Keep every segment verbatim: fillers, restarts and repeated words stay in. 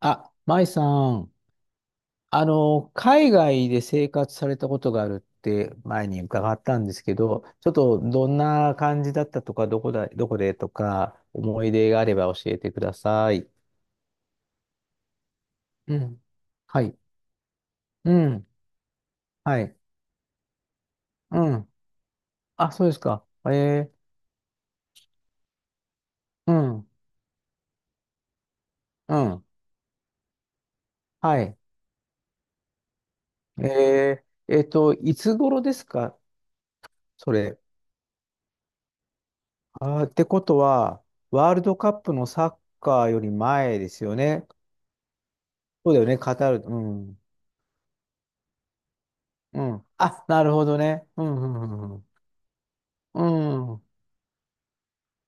あ、舞さん、あの、海外で生活されたことがあるって前に伺ったんですけど、ちょっとどんな感じだったとか、どこだ、どこでとか、思い出があれば教えてください。うん。はい。うん。はい。うん。あ、そうですか。えー、うん。うん。はい。えー、えっと、いつ頃ですかそれ。あー、ってことは、ワールドカップのサッカーより前ですよね。そうだよね、カタール。うん。うん。あ、なるほどね。うん、うん、うんうん。うん。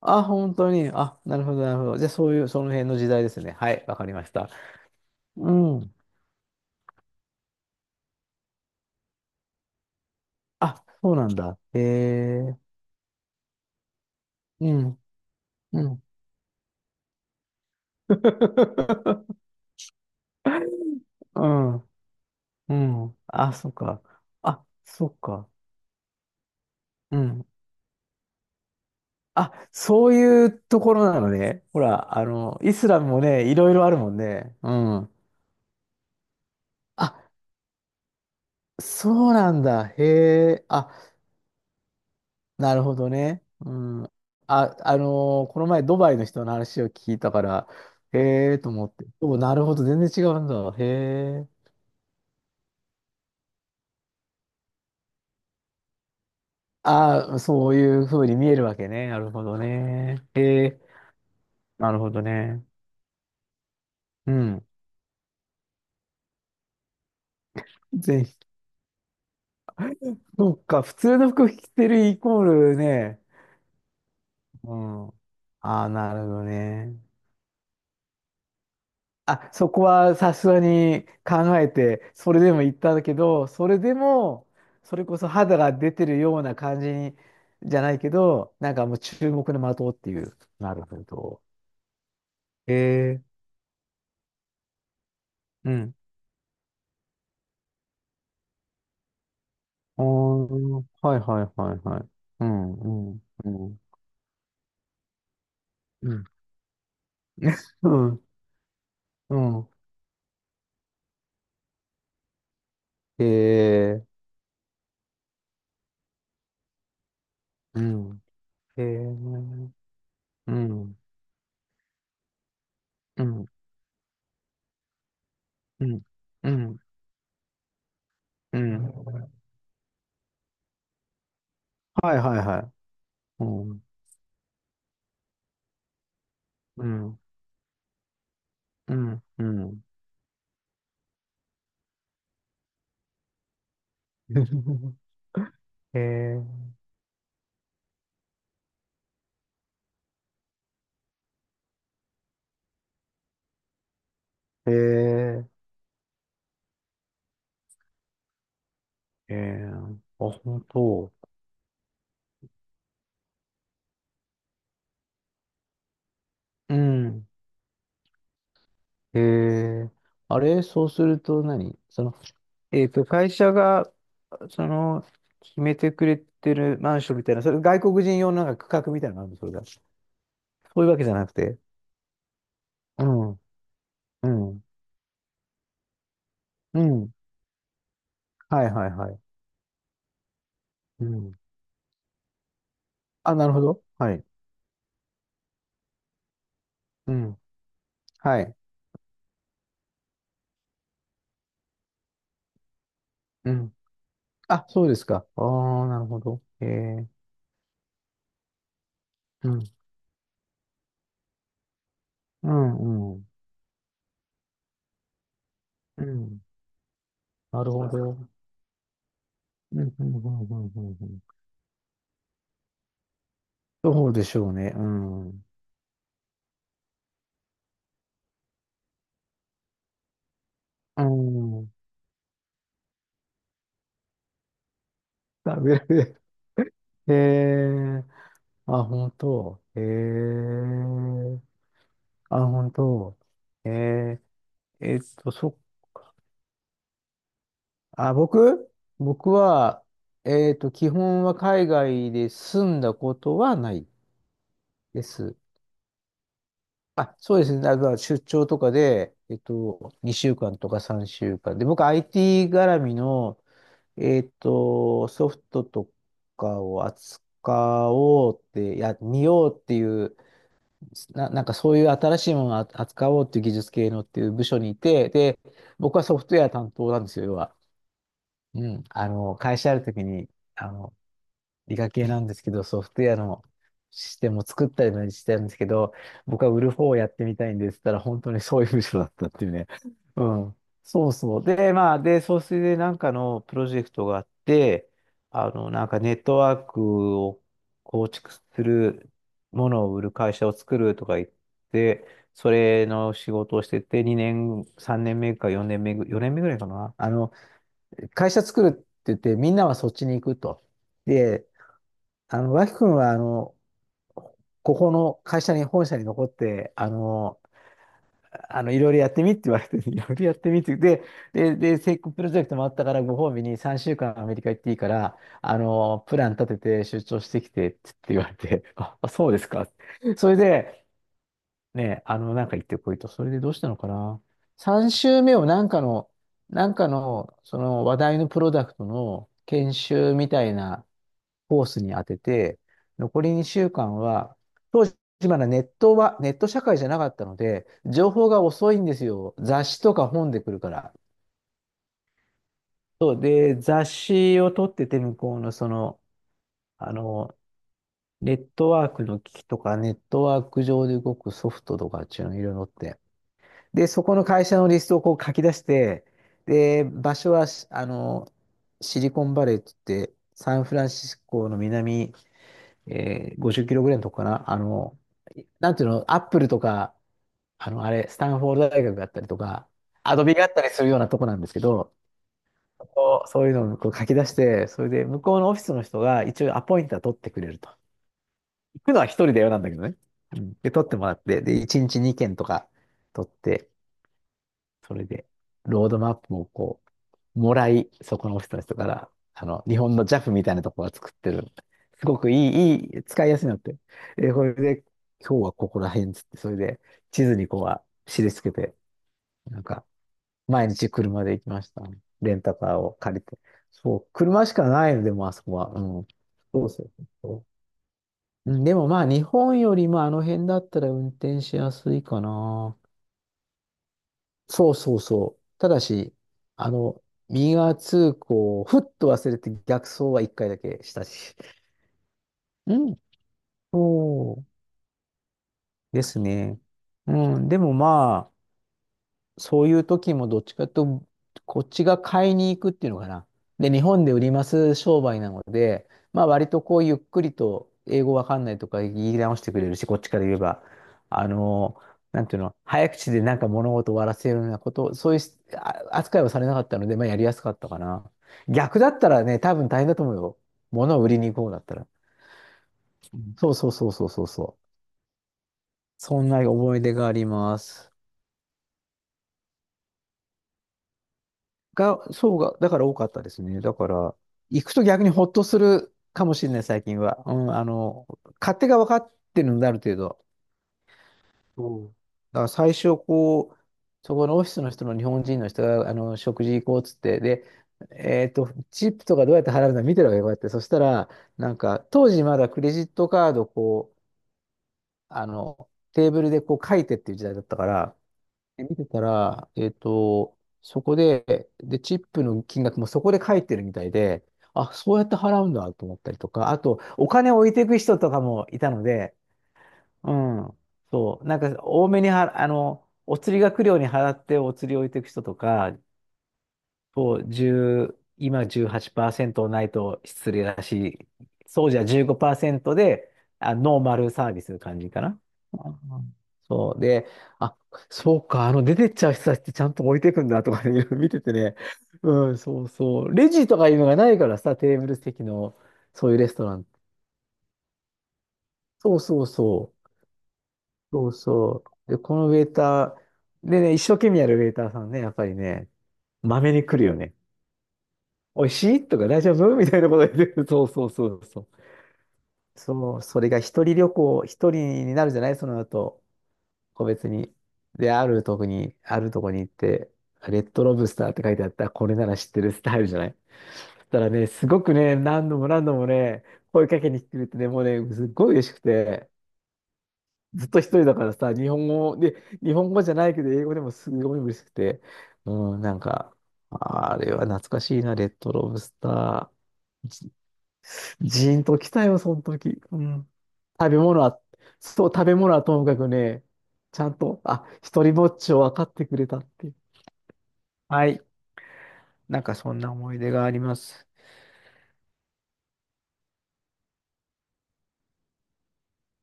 あ、本当に。あ、なるほど、なるほど。じゃあ、そういう、その辺の時代ですね。はい、わかりました。うん。あ、そうなんだ。へえ。うん、うん。うん、うん。あ、そっか。あ、そっか。うん。あ、そういうところなのね。ほら、あの、イスラムもね、いろいろあるもんね。うん。あ、そうなんだ。へえ。あなるほどね。うん。あ、あのーこの前ドバイの人の話を聞いたから、へえと思って。お、なるほど、全然違うんだ。へえ。ああ、そういうふうに見えるわけね。なるほどね。へえ、なるほどね。うん。ぜひ、そっか、普通の服着てるイコールね。うん。ああ、なるほどね。あ、そこはさすがに考えて、それでも行ったんだけど、それでも、それこそ肌が出てるような感じに、じゃないけど、なんかもう注目の的っていう。なるほど。ええうん。あーはいはいはいはい。うん、うん、うん、うん。うん、うん。ええうん。ええうん、うん、うん、うん、うん。はいはいはい。うん、うん、うん、うん。へえへえへえあ、本当。うん。へえあれ、そうすると何その、えっと、会社が、その、決めてくれてるマンションみたいな、それ外国人用のなんか区画みたいなのがあるのそれが。そういうわけじゃなくて。うん、うん、うん。はいはいはい。うん。あ、なるほど。はい。うん。はい。うん。あ、そうですか。ああ、なるほど。ええうん、うん、うん。うん。なるほど。うん、うん、うん、うん、うんうんそうでしょうね。うん。うん。食べる。へえあ、本当。へえあ、本当。へええっと、そ、あ、僕僕は、えっと、基本は海外で住んだことはないです。あ、そうですね。あの出張とかで、えっと、にしゅうかんとかさんしゅうかんで、僕 アイティー 絡みの、えっと、ソフトとかを扱おうって、いや、見ようっていう、な、なんかそういう新しいものをあ扱おうっていう技術系のっていう部署にいて、で、僕はソフトウェア担当なんですよ、要は。うん。あの、会社あるときに、あの、理科系なんですけど、ソフトウェアのシステムを作ったりもしてたんですけど、僕は売る方をやってみたいんですって言ったら、本当にそういう部署だったっていうね。うん。そうそう。で、まあ、で、そうでなんかのプロジェクトがあって、あの、なんかネットワークを構築するものを売る会社を作るとか言って、それの仕事をしてて、2年、3年目か4年目ぐ、よねんめぐらいかな。あの、会社作るって言って、みんなはそっちに行くと。で、あの、脇君は、あの、ここの会社に、本社に残って、あの、あの、いろいろやってみって言われて、いろいろやってみって、で、で、で、成功プロジェクトもあったから、ご褒美にさんしゅうかんアメリカ行っていいから、あの、プラン立てて出張してきてって言われて、あ、あそうですか。それで、ね、あの、なんか行ってこいと、それでどうしたのかな。さん週目をなんかの、なんかの、その話題のプロダクトの研修みたいな、コースに当てて、残りにしゅうかんは、当時まだネットは、ネット社会じゃなかったので、情報が遅いんですよ。雑誌とか本で来るから。そうで、雑誌を取ってて、向こうのその、あの、ネットワークの機器とか、ネットワーク上で動くソフトとかっていうのいろいろ載って。で、そこの会社のリストをこう書き出して、で、場所は、あの、シリコンバレーって言って、サンフランシスコの南えー、ごじゅっキロぐらいのとこかな。あの、なんていうの、アップルとか、あの、あれ、スタンフォード大学があったりとか、アドビがあったりするようなとこなんですけど、ここそういうのをこう書き出して、それで向こうのオフィスの人が一応アポイントは取ってくれると。行くのは一人だよなんだけどね。うん、で、取ってもらって、で、いちにちにけんとか取って、それで、ロードマップをこもらい、そこのオフィスの人から、あの、日本のジャフみたいなとこが作ってる。すごくいい、いい、使いやすいのって。え、これで、今日はここら辺っつって、それで地図にこうは印つけて、なんか、毎日車で行きましたね。レンタカーを借りて。そう、車しかないので、もうあそこは。うん。そうそうそう。うんでもまあ、日本よりもあの辺だったら運転しやすいかな。そうそうそう。ただし、あの、右側通行をふっと忘れて逆走は一回だけしたし。うん。そうですね。うん。でもまあ、そういう時もどっちかというと、こっちが買いに行くっていうのかな。で、日本で売ります商売なので、まあ割とこうゆっくりと英語わかんないとか言い直してくれるし、こっちから言えば、あの、なんていうの、早口でなんか物事を終わらせるようなこと、そういうしあ扱いはされなかったので、まあやりやすかったかな。逆だったらね、多分大変だと思うよ。物を売りに行こうだったら。うんそうそうそうそうそうそう。そんな思い出があります。が、そうが、だから多かったですね。だから、行くと逆にほっとするかもしれない、最近は。うん、あの、勝手が分かってるので、ある程度。うん。だから最初、こう、そこのオフィスの人の日本人の人が、あの、食事行こうっつって、で、えっと、チップとかどうやって払うの見てるわけよ、こうやって。そしたら、なんか、当時まだクレジットカード、こう、あの、テーブルでこう書いてっていう時代だったから、で見てたら、えっと、そこで、で、チップの金額もそこで書いてるみたいで、あ、そうやって払うんだと思ったりとか、あと、お金を置いていく人とかもいたので、うん、そう、なんか多めには、あの、お釣りが来るように払ってお釣りを置いていく人とか、そう、じゅう、今じゅうはちパーセントないと失礼だし、そうじゃじゅうごパーセントで、あ、ノーマルサービス感じかな。うん、そう。で、あ、そうか、あの、出てっちゃう人たちってちゃんと置いていくんだとかね、いろいろ見ててね。うん、そうそう。レジとかいうのがないからさ、テーブル席の、そういうレストラン。そうそうそう。そうそう。で、このウェイター、でね、一生懸命やるウェイターさんね、やっぱりね、まめに来るよね。おいしいとか大丈夫 みたいなこと言ってる。そうそうそうそう。そう、それが一人旅行、一人になるじゃないその後、個別に。で、あるとこに、あるとこに行って、レッドロブスターって書いてあった、これなら知ってるスタイルじゃない。そしたらね、すごくね、何度も何度もね、声かけに来てくれてね、もうね、すっごい嬉しくて、ずっと一人だからさ、日本語で、日本語じゃないけど、英語でもすごい嬉しくて、うん、なんか、あれは懐かしいな、レッドロブスター。ジーンときたよ、その時。うん。食べ物は、そう、食べ物はともかくね、ちゃんと、あ、一人ぼっちを分かってくれたっていう。はい。なんかそんな思い出があります。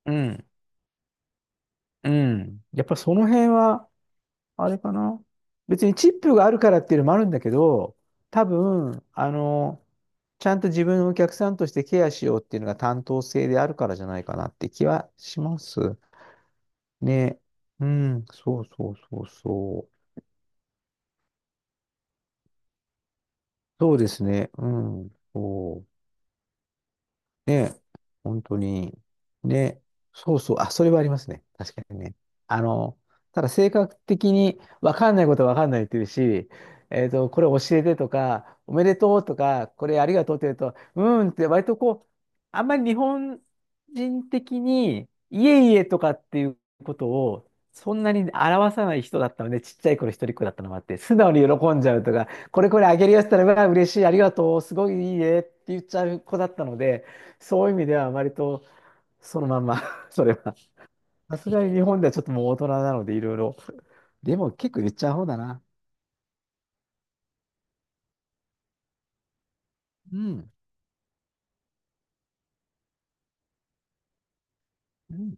うん。うん。やっぱその辺は、あれかな。別にチップがあるからっていうのもあるんだけど、多分、あの、ちゃんと自分のお客さんとしてケアしようっていうのが担当性であるからじゃないかなって気はします。ね。うん。そうそうそうそう。そうですね。うん。そね、本当に。ね、そうそう、あ、それはありますね。確かにね。あの、ただ性格的に分かんないことは分かんないって言うし、えっと、これ教えてとか、おめでとうとか、これありがとうって言うと、うーんって割とこう、あんまり日本人的に、いえいえとかっていうことを、そんなに表さない人だったので、ちっちゃい頃一人っ子だったのもあって、素直に喜んじゃうとか、これこれあげるやつったら、うわ、嬉しい、ありがとう、すごいいいねって言っちゃう子だったので、そういう意味では割とそのまんま それは。さすがに日本ではちょっともう大人なのでいろいろ。でも結構言っちゃう方だな。うん。うん